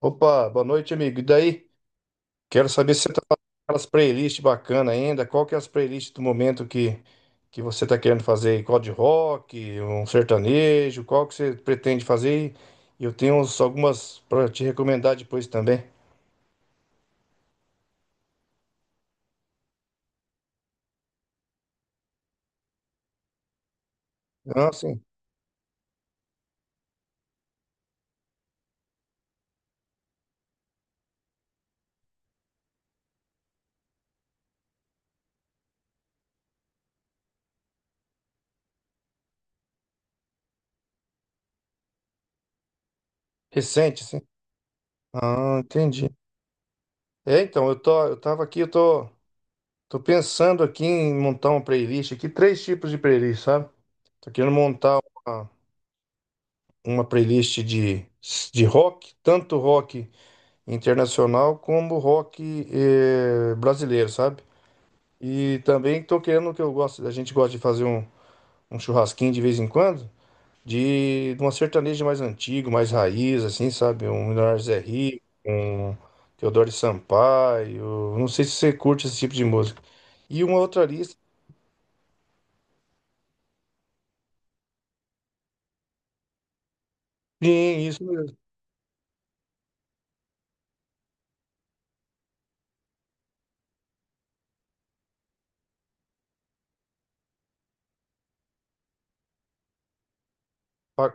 Opa, boa noite, amigo. E daí? Quero saber se você tá fazendo aquelas playlists bacanas ainda. Qual que é as playlists do momento que você está querendo fazer? Qual de rock, um sertanejo? Qual que você pretende fazer? E eu tenho algumas para te recomendar depois também. Ah, sim. Recente, sim. Ah, entendi. É, então, eu tava aqui, tô pensando aqui em montar uma playlist aqui, três tipos de playlist, sabe? Tô querendo montar uma, uma playlist de rock, tanto rock internacional como rock brasileiro, sabe? E também tô querendo que eu gosto, a gente gosta de fazer um churrasquinho de vez em quando, de uma sertaneja mais antigo, mais raiz, assim, sabe? Um Leonardo Zé Rico, um Teodoro Sampaio, não sei se você curte esse tipo de música. E uma outra lista, sim, isso mesmo, pa-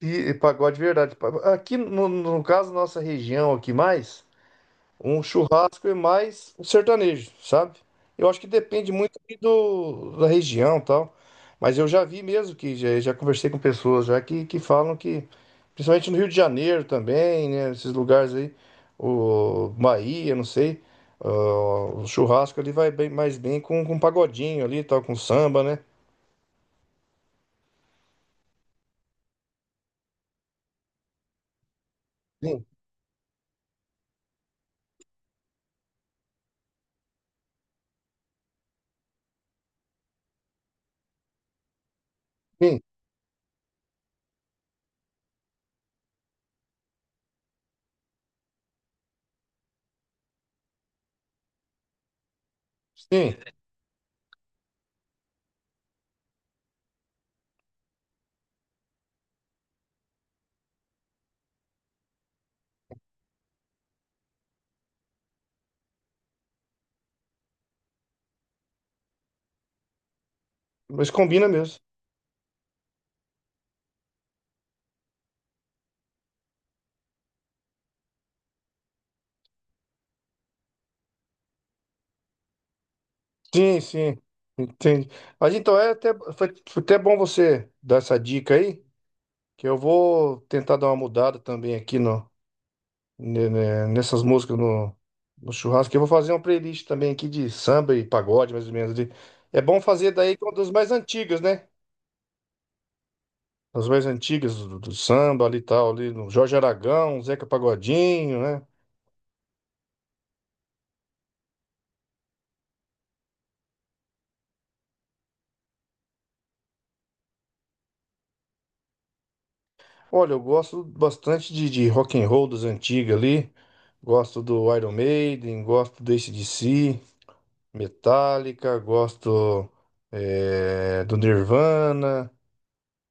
e pagode de verdade. Aqui, no caso, nossa região aqui mais. Um churrasco é mais um sertanejo, sabe? Eu acho que depende muito ali da região e tal. Mas eu já vi mesmo que já, já conversei com pessoas já que falam principalmente no Rio de Janeiro também, né? Esses lugares aí, o Bahia, não sei, ó, o churrasco ali vai bem, mais bem com pagodinho ali, e tal, com samba, né? Sim, sim, sim. Mas combina mesmo. Sim, sim. Entendi. Mas então é até, foi até bom você dar essa dica aí. Que eu vou tentar dar uma mudada também aqui no, nessas músicas no churrasco. Que eu vou fazer uma playlist também aqui de samba e pagode, mais ou menos. De, é bom fazer daí com das mais antigas, né? As mais antigas do samba ali e tal, ali no Jorge Aragão, Zeca Pagodinho, né? Olha, eu gosto bastante de rock and roll das antigas ali. Gosto do Iron Maiden, gosto do AC/DC, Metallica, gosto do Nirvana.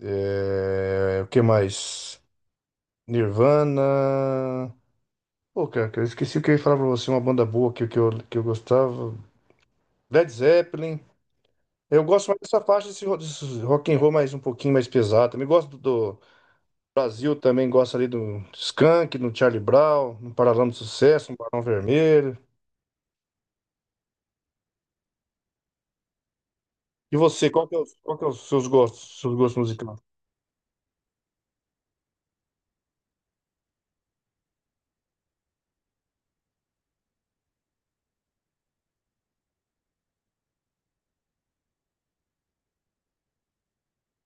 É, o que mais? Nirvana. Pô, cara, eu esqueci o que eu ia falar pra você. Uma banda boa que eu gostava. Led Zeppelin. Eu gosto mais dessa faixa desse rock and roll mais um pouquinho mais pesado. Também gosto do Brasil, também gosto ali do Skank, do Charlie Brown, no Paralama do Sucesso, no Barão Vermelho. E você, qual que é os seus gostos musicais?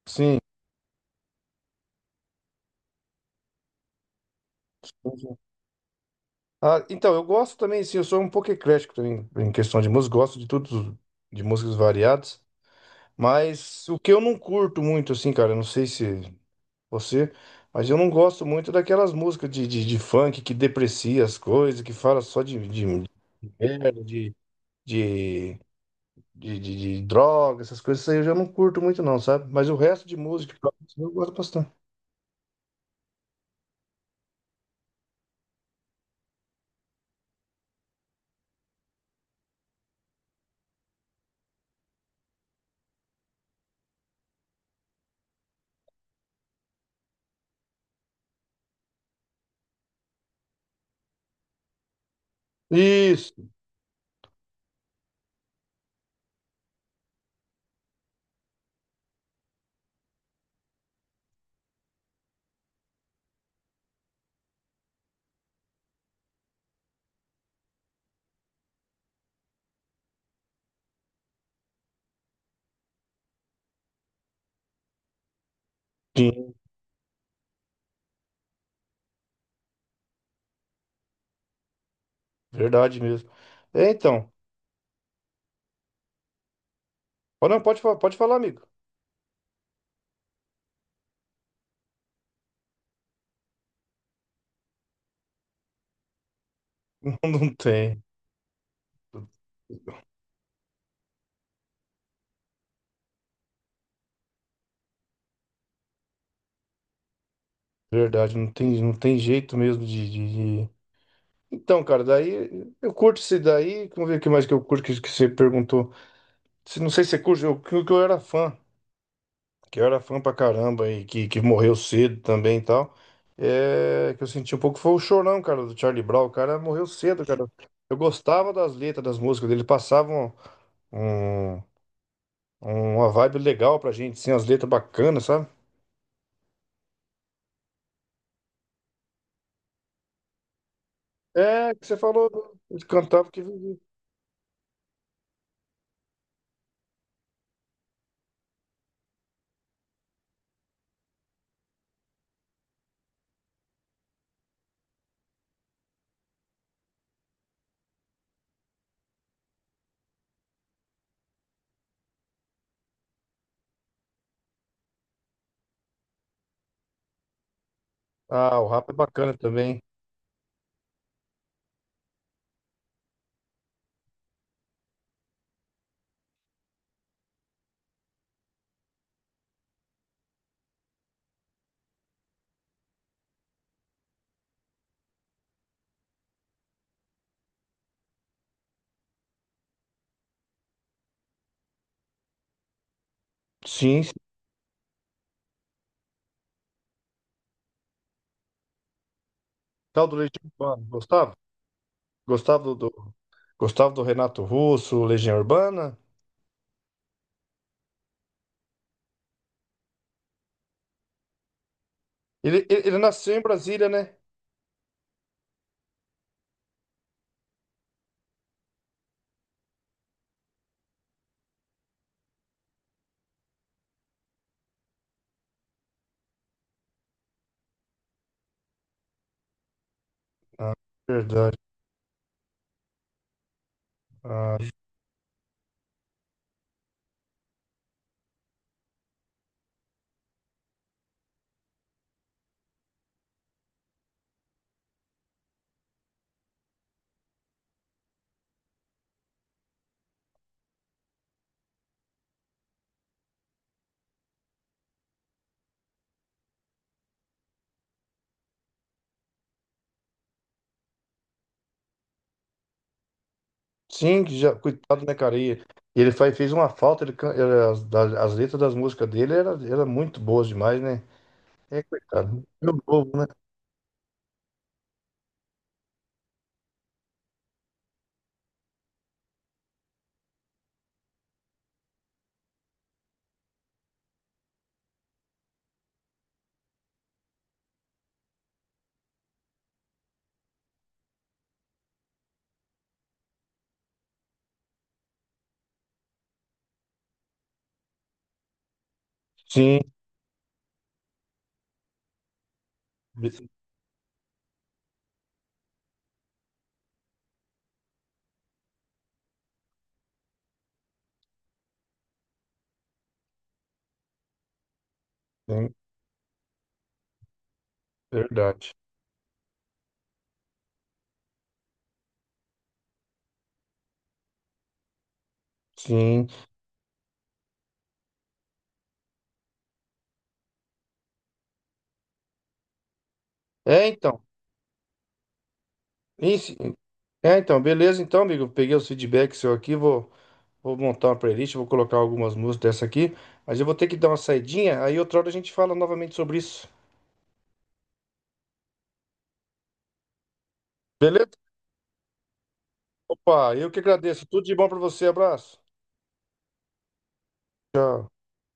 Sim. Ah, então, eu gosto também, sim, eu sou um pouco eclético também em questão de música, gosto de tudo, de músicas variadas. Mas o que eu não curto muito, assim, cara, eu não sei se você, mas eu não gosto muito daquelas músicas de funk que deprecia as coisas, que fala só de merda, de, de droga, essas coisas, isso aí eu já não curto muito, não, sabe? Mas o resto de música, eu gosto bastante. Isso, sim, verdade mesmo. É, então, pode, não, pode, pode falar, amigo. Não tem, verdade, não tem, não tem jeito mesmo de- então, cara, daí eu curto esse daí. Vamos ver o que mais que eu curto que você perguntou. Não sei se você curte, eu, que eu era fã pra caramba e que morreu cedo também e tal. É, que eu senti um pouco foi o Chorão, cara, do Charlie Brown. O cara morreu cedo, cara. Eu gostava das letras das músicas dele, passavam um, uma vibe legal pra gente, assim, as letras bacanas, sabe? É, que você falou ele cantava que vivia. Ah, o rap é bacana também. Sim, sim. Tal do Legião Urbana, gostava? Gostava do, do- Gostava do Renato Russo, Legião Urbana. Ele nasceu em Brasília, né? Verdade. Ah, sim, que já, coitado, né, cara? E fez uma falta, ele, can- era- as, das- as letras das músicas dele era muito boas demais, né? É, coitado. Meu povo, né? Sim, sim, verdade. Sim. É, então. Isso, é, então, beleza, então, amigo. Peguei os feedbacks seu aqui, vou montar uma playlist, vou colocar algumas músicas dessa aqui, mas eu vou ter que dar uma saidinha, aí outra hora a gente fala novamente sobre isso. Beleza? Opa, eu que agradeço. Tudo de bom pra você. Abraço. Tchau.